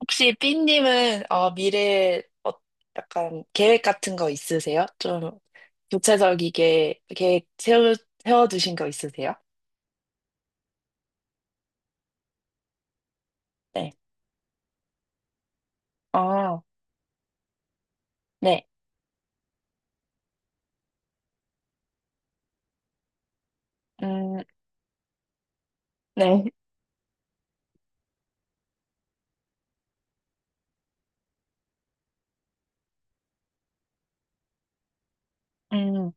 혹시 삐님은 미래 약간 계획 같은 거 있으세요? 좀 구체적이게 세워두신 거 있으세요? 네. 어, 네. 음, 네. 음,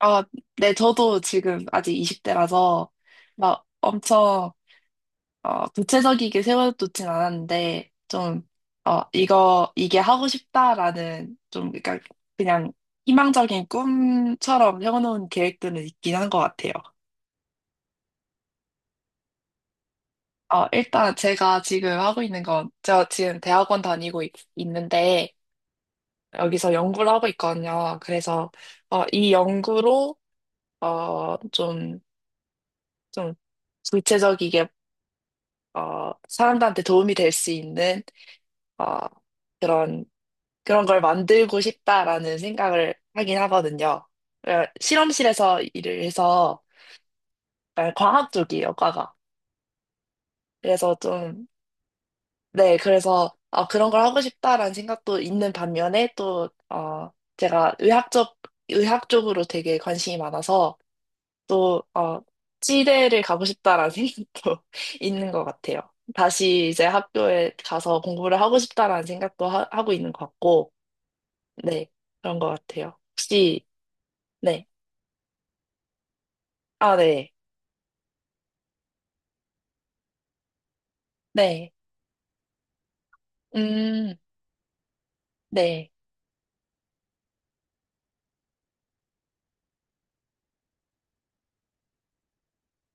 어, 네. 저도 지금 아직 20대라서 막 엄청 구체적이게 세워두진 않았는데 좀 이게 하고 싶다라는 그러니까 그냥 희망적인 꿈처럼 세워놓은 계획들은 있긴 한 것 같아요. 일단 제가 지금 하고 있는 건, 제가 지금 대학원 는데 여기서 연구를 하고 있거든요. 그래서 이 연구로, 어, 좀, 좀, 구체적이게, 사람들한테 도움이 될 수 있는, 어, 그런, 그런 걸 만들고 싶다라는 생각을 하긴 하거든요. 어, 실험실에서 일을 해서, 약간 과학 쪽이에요, 과가. 그래서 좀, 네, 그래서 그런 걸 하고 싶다라는 생각도 있는 반면에 또 제가 의학적 의학 쪽으로 되게 관심이 많아서 또 치대를 가고 싶다라는 생각도 있는 것 같아요. 다시 이제 학교에 가서 공부를 하고 싶다라는 생각도 하고 있는 것 같고, 네, 그런 것 같아요. 혹시 네, 아, 네, 네, 음, 네,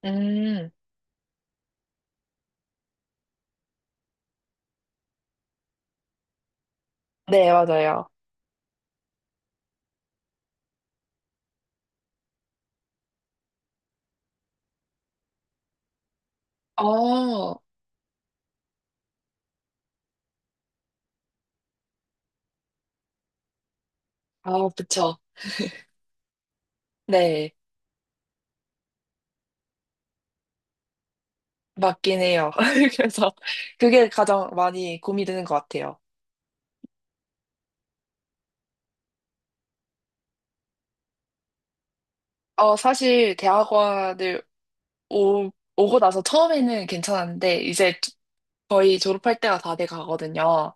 음, 네, 맞아요. 어, 아, 그쵸. 네. 맞긴 해요. 그래서 그게 가장 많이 고민이 되는 것 같아요. 사실 오, 오고 나서 처음에는 괜찮았는데 이제 거의 졸업할 때가 다 돼 가거든요.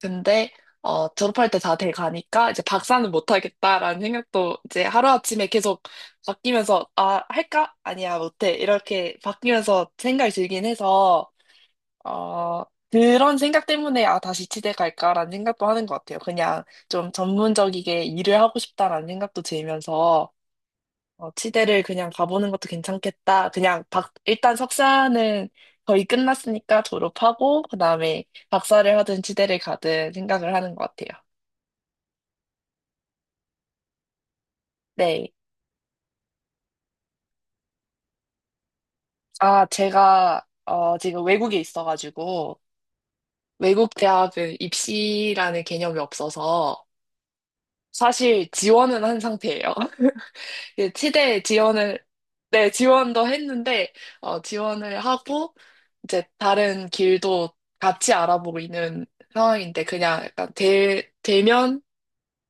근데 어, 졸업할 때 다 돼 가니까 이제 박사는 못 하겠다라는 생각도 이제 하루아침에 계속 바뀌면서 아, 할까? 아니야, 못해. 이렇게 바뀌면서 생각이 들긴 해서 어, 그런 생각 때문에, 아, 다시 치대 갈까라는 생각도 하는 것 같아요. 그냥 좀 전문적이게 일을 하고 싶다라는 생각도 들면서, 치대를 그냥 가보는 것도 괜찮겠다. 일단 석사는 거의 끝났으니까 졸업하고, 그 다음에 박사를 하든 치대를 가든 생각을 하는 것 같아요. 네. 지금 외국에 있어가지고, 외국 대학은 입시라는 개념이 없어서, 사실 지원은 한 상태예요. 그 치대에 지원을, 네, 지원도 했는데, 지원을 하고, 이제 다른 길도 같이 알아보고 있는 상황인데, 되면,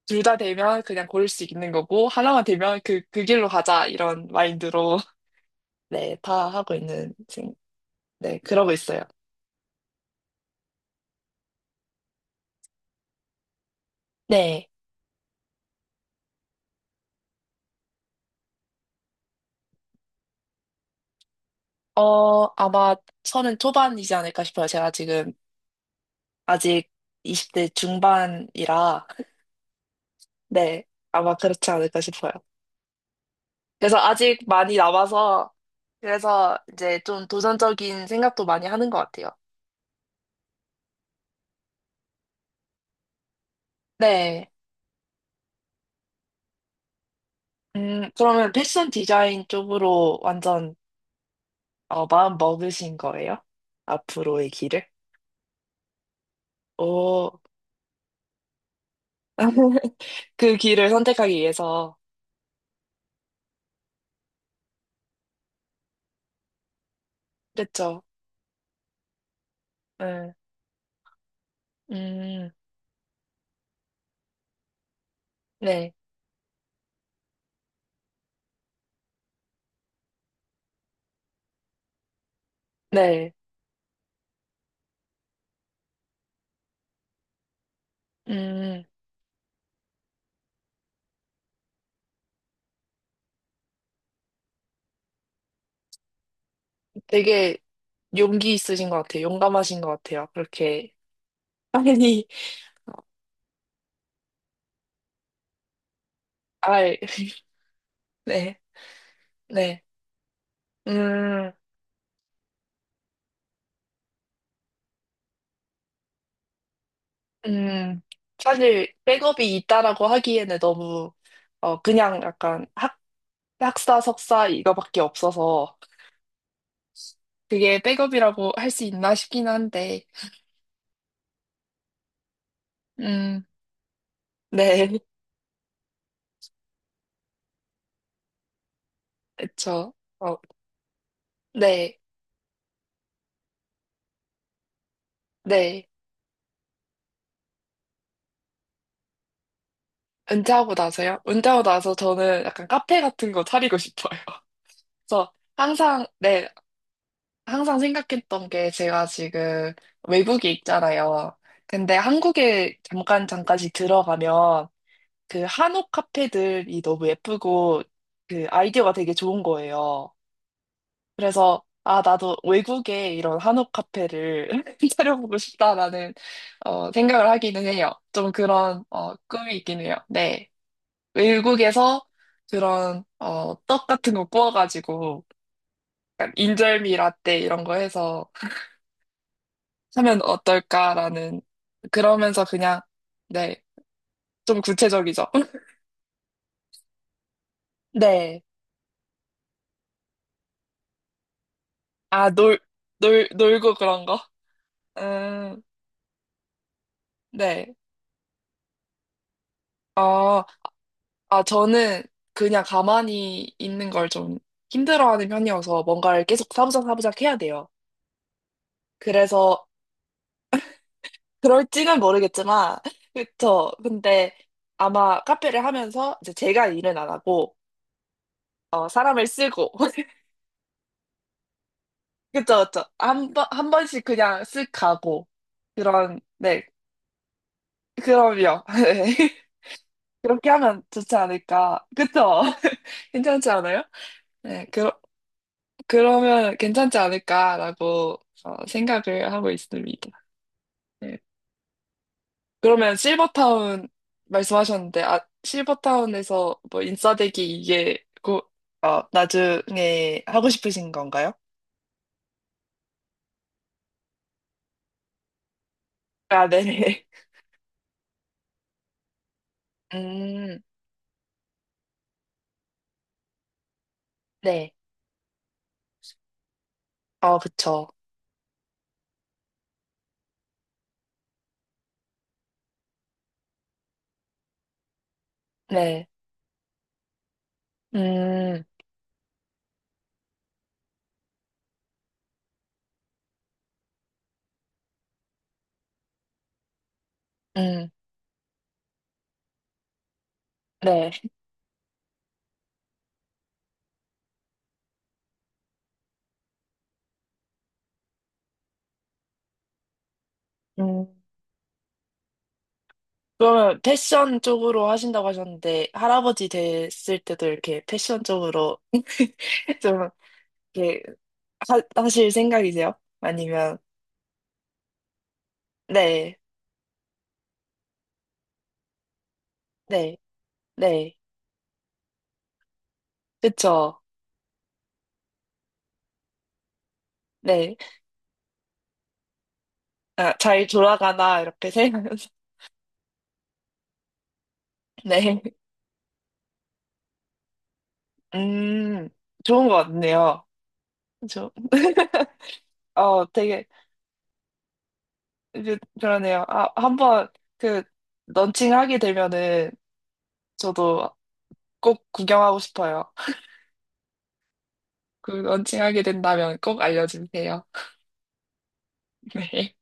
둘 다 되면 그냥 고를 수 있는 거고, 하나만 되면 그 길로 가자, 이런 마인드로, 네, 다 하고 있는, 네, 그러고 있어요. 네. 어, 아마 서른 초반이지 않을까 싶어요. 제가 지금 아직 20대 중반이라, 네, 아마 그렇지 않을까 싶어요. 그래서 아직 많이 남아서 그래서 이제 좀 도전적인 생각도 많이 하는 것 같아요. 네. 그러면 패션 디자인 쪽으로 완전 마음 먹으신 거예요? 앞으로의 길을? 오, 그 길을 선택하기 위해서. 그랬죠. 네. 음, 네. 네. 음, 되게 용기 있으신 것 같아요. 용감하신 것 같아요. 그렇게 빨리, 알, 네. 네. 음. 음, 사실 백업이 있다라고 하기에는 너무 그냥 약간 학 학사 석사 이거밖에 없어서 그게 백업이라고 할 수 있나 싶긴 한데 음, 네, 그쵸. 어, 네, 네. 은퇴하고 나서요? 은퇴하고 나서 저는 약간 카페 같은 거 차리고 싶어요. 그래서 항상 네, 항상 생각했던 게 제가 지금 외국에 있잖아요. 근데 한국에 잠깐 잠깐씩 들어가면 그 한옥 카페들이 너무 예쁘고 그 아이디어가 되게 좋은 거예요. 그래서 아, 나도 외국에 이런 한옥 카페를 차려보고 싶다라는 생각을 하기는 해요. 좀 그런 꿈이 있긴 해요. 네. 외국에서 그런 떡 같은 거 구워가지고 약간 인절미 라떼 이런 거 해서 하면 어떨까라는 그러면서 그냥 네. 좀 구체적이죠. 네. 아, 놀, 놀고 그런 거. 음, 네. 아, 아, 저는 그냥 가만히 있는 걸 좀 힘들어하는 편이어서 뭔가를 계속 사부작 사부작 해야 돼요. 그래서 그럴지는 모르겠지만, 그쵸. 근데 아마 카페를 하면서 이제 제가 일은 안 하고, 사람을 쓰고, 그쵸, 그쵸. 한 번, 한 번씩 그냥 쓱 가고, 그런, 네. 그럼요. 네. 그렇게 하면 좋지 않을까. 그쵸? 괜찮지 않아요? 네. 그러면 괜찮지 않을까라고 생각을 하고 있습니다. 네. 그러면 실버타운 말씀하셨는데, 아, 실버타운에서 뭐 인싸되기 어, 나중에 하고 싶으신 건가요? 아, 네네. 음, 네. 아, 그쵸. 네. 음, 음, 네. 음. 그러면 패션 쪽으로 하신다고 하셨는데, 할아버지 됐을 때도 이렇게 패션 쪽으로 좀 이렇게 하실 생각이세요? 아니면, 네, 네, 네, 그쵸, 네, 아, 잘 돌아가나, 이렇게 생각하면서, 네, 음, 좋은 것 같네요. 저, 어, 되게, 그러네요. 아, 한번, 그, 런칭하게 되면은, 저도 꼭 구경하고 싶어요. 그, 런칭하게 된다면 꼭 알려주세요. 네.